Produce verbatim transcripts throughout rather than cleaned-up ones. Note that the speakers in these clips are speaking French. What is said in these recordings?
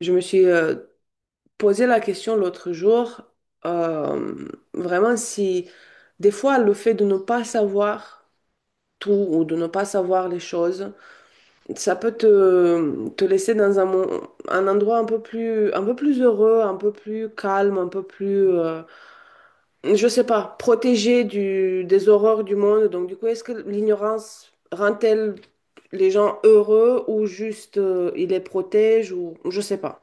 Je me suis euh, posé la question l'autre jour, euh, vraiment si des fois le fait de ne pas savoir tout ou de ne pas savoir les choses, ça peut te, te laisser dans un, mon- un endroit un peu plus, un peu plus heureux, un peu plus calme, un peu plus, euh, je sais pas, protégé du, des horreurs du monde. Donc du coup, est-ce que l'ignorance rend-elle les gens heureux ou juste euh, il les protège, ou je sais pas.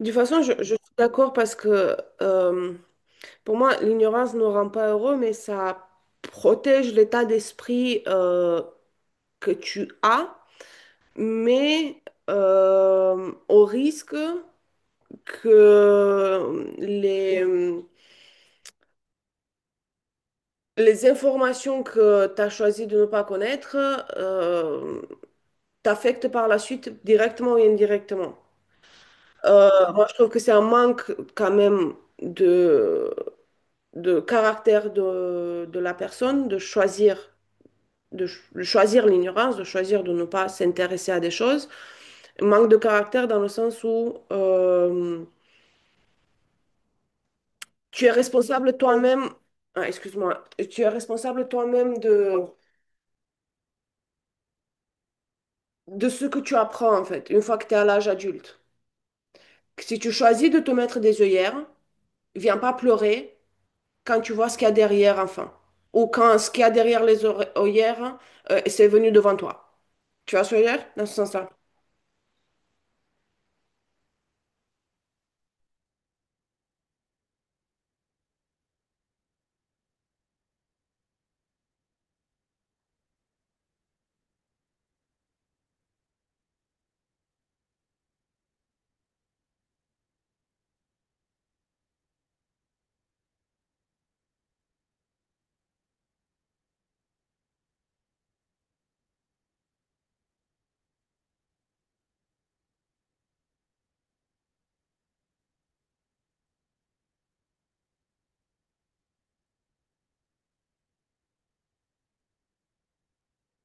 De toute façon, je, je suis d'accord parce que euh, pour moi, l'ignorance ne rend pas heureux, mais ça protège l'état d'esprit euh, que tu as, mais euh, au risque que les, les informations que tu as choisi de ne pas connaître euh, t'affectent par la suite, directement ou indirectement. Euh, moi, je trouve que c'est un manque quand même de caractère de, de la personne, de choisir, de, ch- de choisir l'ignorance, de choisir de ne pas s'intéresser à des choses. Manque de caractère dans le sens où euh, tu es responsable toi-même, ah, excuse-moi, tu es responsable toi-même de, de ce que tu apprends, en fait, une fois que tu es à l'âge adulte. Si tu choisis de te mettre des œillères, viens pas pleurer quand tu vois ce qu'il y a derrière, enfin, ou quand ce qu'il y a derrière les oreilles- œillères, euh, c'est venu devant toi. Tu vois ce que je veux dire? Dans ce sens-là.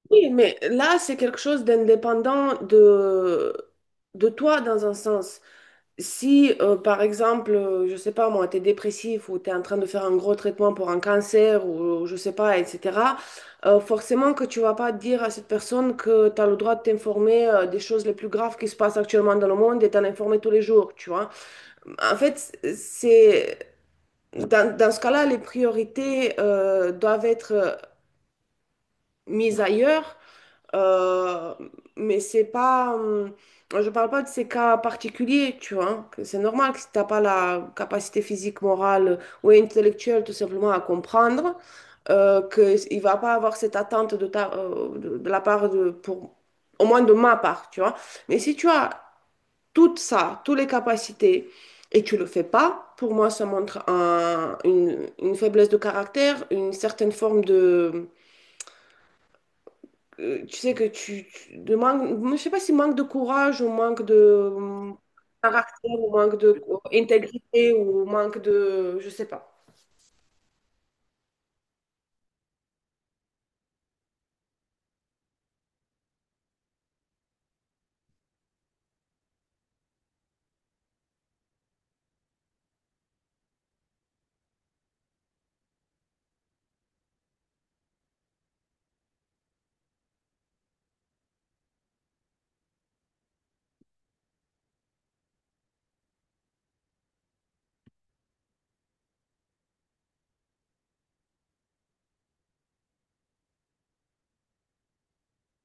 Oui, mais là, c'est quelque chose d'indépendant de, de toi, dans un sens. Si, euh, par exemple, euh, je sais pas moi, t'es dépressif ou t'es en train de faire un gros traitement pour un cancer ou je sais pas, et cetera, euh, forcément que tu vas pas dire à cette personne que tu as le droit de t'informer euh, des choses les plus graves qui se passent actuellement dans le monde et t'en informer tous les jours, tu vois. En fait, c'est dans, dans ce cas-là, les priorités euh, doivent être euh, mises ailleurs, euh, mais c'est pas. Hum, je parle pas de ces cas particuliers, tu vois, hein. que C'est normal que si t'as pas la capacité physique, morale ou intellectuelle tout simplement à comprendre, euh, que il va pas avoir cette attente de ta, euh, de, de la part de, pour, au moins de ma part, tu vois. Mais si tu as tout ça, toutes les capacités, et tu le fais pas, pour moi, ça montre un- une, une faiblesse de caractère, une certaine forme de euh, tu sais que tu, tu- de manque, je sais pas si manque de courage ou manque de euh, caractère ou manque de euh, intégrité ou manque de, je sais pas.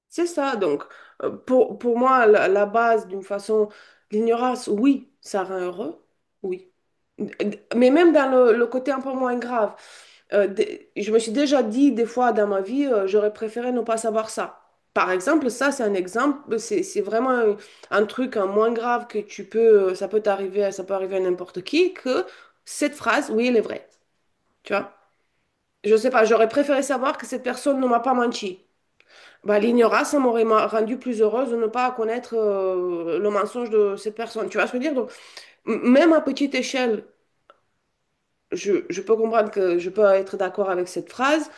C'est ça. Donc euh, pour, pour moi, la, la base, d'une façon, l'ignorance, oui, ça rend heureux, oui. Mais même dans le, le côté un peu moins grave, euh, des- je me suis déjà dit des fois dans ma vie, euh, j'aurais préféré ne pas savoir ça. Par exemple, ça, c'est un exemple, c'est c'est vraiment un, un truc, hein, moins grave, que tu peux, euh, ça peut t'arriver, ça peut arriver à n'importe qui, que cette phrase, oui, elle est vraie. Tu vois? Je sais pas, j'aurais préféré savoir que cette personne ne m'a pas menti. Bah, l'ignorance, ça m'aurait ma- rendu plus heureuse de ne pas connaître euh, le mensonge de cette personne. Tu vois ce que je veux dire? Donc, m- même à petite échelle, je, je peux comprendre, que je peux être d'accord avec cette phrase.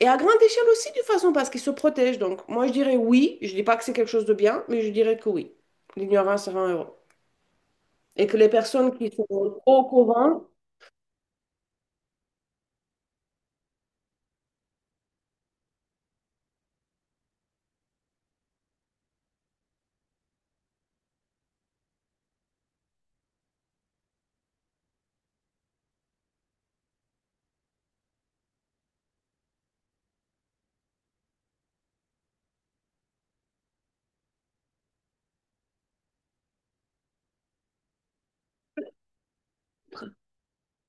Et à grande échelle aussi, de toute façon, parce qu'ils se protègent. Donc, moi, je dirais oui. Je dis pas que c'est quelque chose de bien, mais je dirais que oui. L'ignorance rend heureux. Et que les personnes qui sont au courant.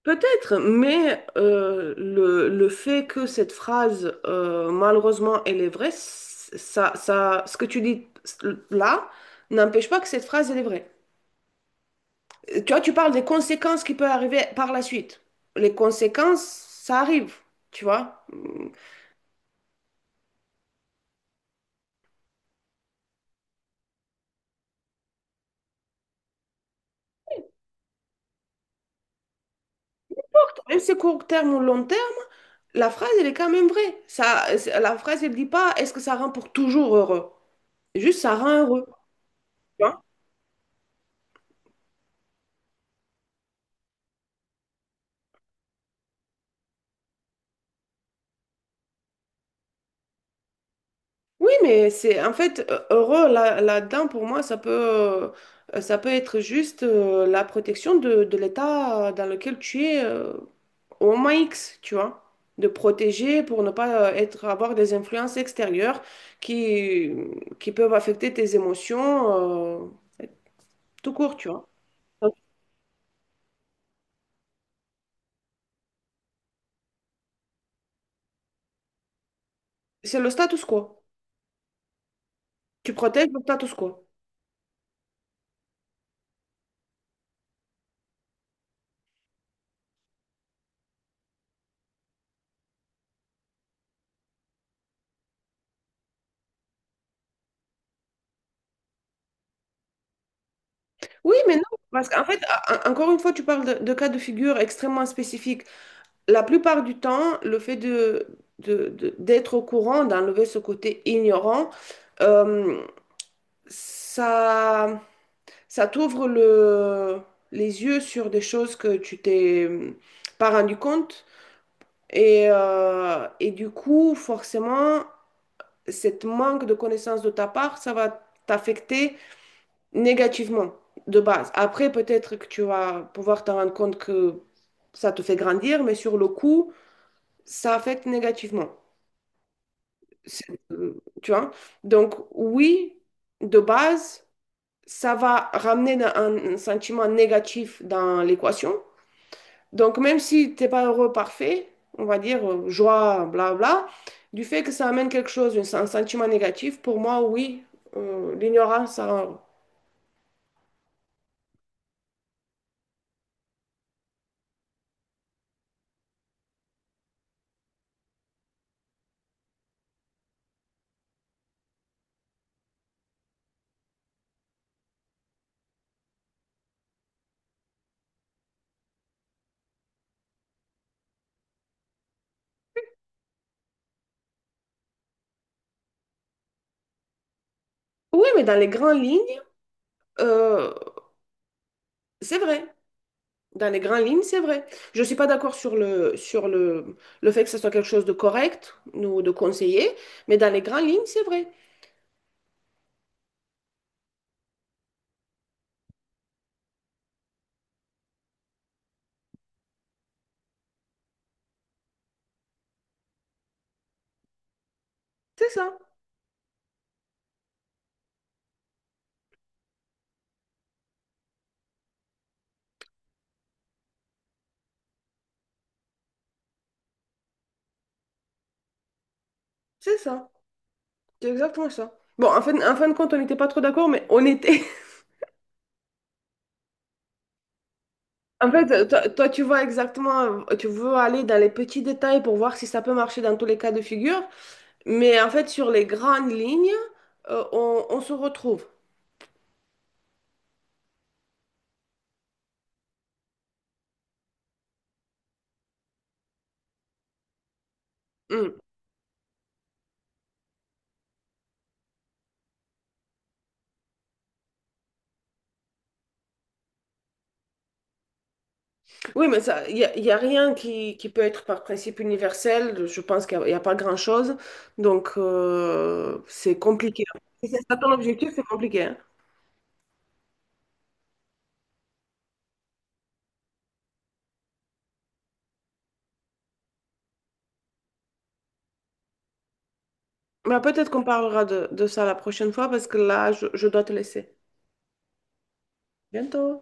Peut-être, mais euh, le, le fait que cette phrase, euh, malheureusement, elle est vraie, c- ça, ça, ce que tu dis là n'empêche pas que cette phrase, elle est vraie. Tu vois, tu parles des conséquences qui peuvent arriver par la suite. Les conséquences, ça arrive, tu vois. Même si c'est court terme ou long terme, la phrase, elle est quand même vraie. Ça, la phrase, elle dit pas est-ce que ça rend pour toujours heureux? Juste, ça rend heureux. Oui, mais c'est, en fait, euh, heureux là, là-dedans, pour moi ça peut euh, ça peut être juste euh, la protection de, de l'état euh, dans lequel tu es, euh, au moment X, tu vois, de protéger pour ne pas euh, être, avoir des influences extérieures qui qui peuvent affecter tes émotions, euh, tout court, tu vois. Donc, c'est le status quo. Tu protèges le status quo. Oui, mais non, parce qu'en fait, en- encore une fois, tu parles de, de cas de figure extrêmement spécifiques. La plupart du temps, le fait de, de- de- d'être au courant, d'enlever ce côté ignorant, euh, ça, ça t'ouvre le, les yeux sur des choses que tu t'es euh, pas rendu compte. Et, euh, et du coup, forcément, cette manque de connaissance de ta part, ça va t'affecter négativement, de base. Après, peut-être que tu vas pouvoir te rendre compte que ça te fait grandir, mais sur le coup, ça affecte négativement. C'est- euh, Tu vois? Donc, oui, de base, ça va ramener un, un sentiment négatif dans l'équation. Donc, même si t'es pas heureux, parfait, on va dire euh, joie, bla bla, du fait que ça amène quelque chose, un, sen- sentiment négatif, pour moi, oui, euh, l'ignorance, ça rend heureux. Oui, mais dans les grandes lignes, euh, c'est vrai. Dans les grandes lignes, c'est vrai. Je ne suis pas d'accord sur le, sur le, le fait que ce soit quelque chose de correct ou de conseillé, mais dans les grandes lignes, c'est vrai. C'est ça, c'est ça, c'est exactement ça. Bon, en fait, en fin de compte, on n'était pas trop d'accord, mais on était. En fait, toi, toi, tu vois exactement, tu veux aller dans les petits détails pour voir si ça peut marcher dans tous les cas de figure, mais en fait, sur les grandes lignes, euh, on, on se retrouve. Mm. Oui, mais ça, il n'y a, y a rien qui, qui peut être par principe universel. Je pense qu'il n'y a, y a pas grand-chose, donc euh, c'est compliqué. Si c'est ça ton objectif, c'est compliqué, hein. Mais peut-être qu'on parlera de, de ça la prochaine fois, parce que là, je je dois te laisser. Bientôt.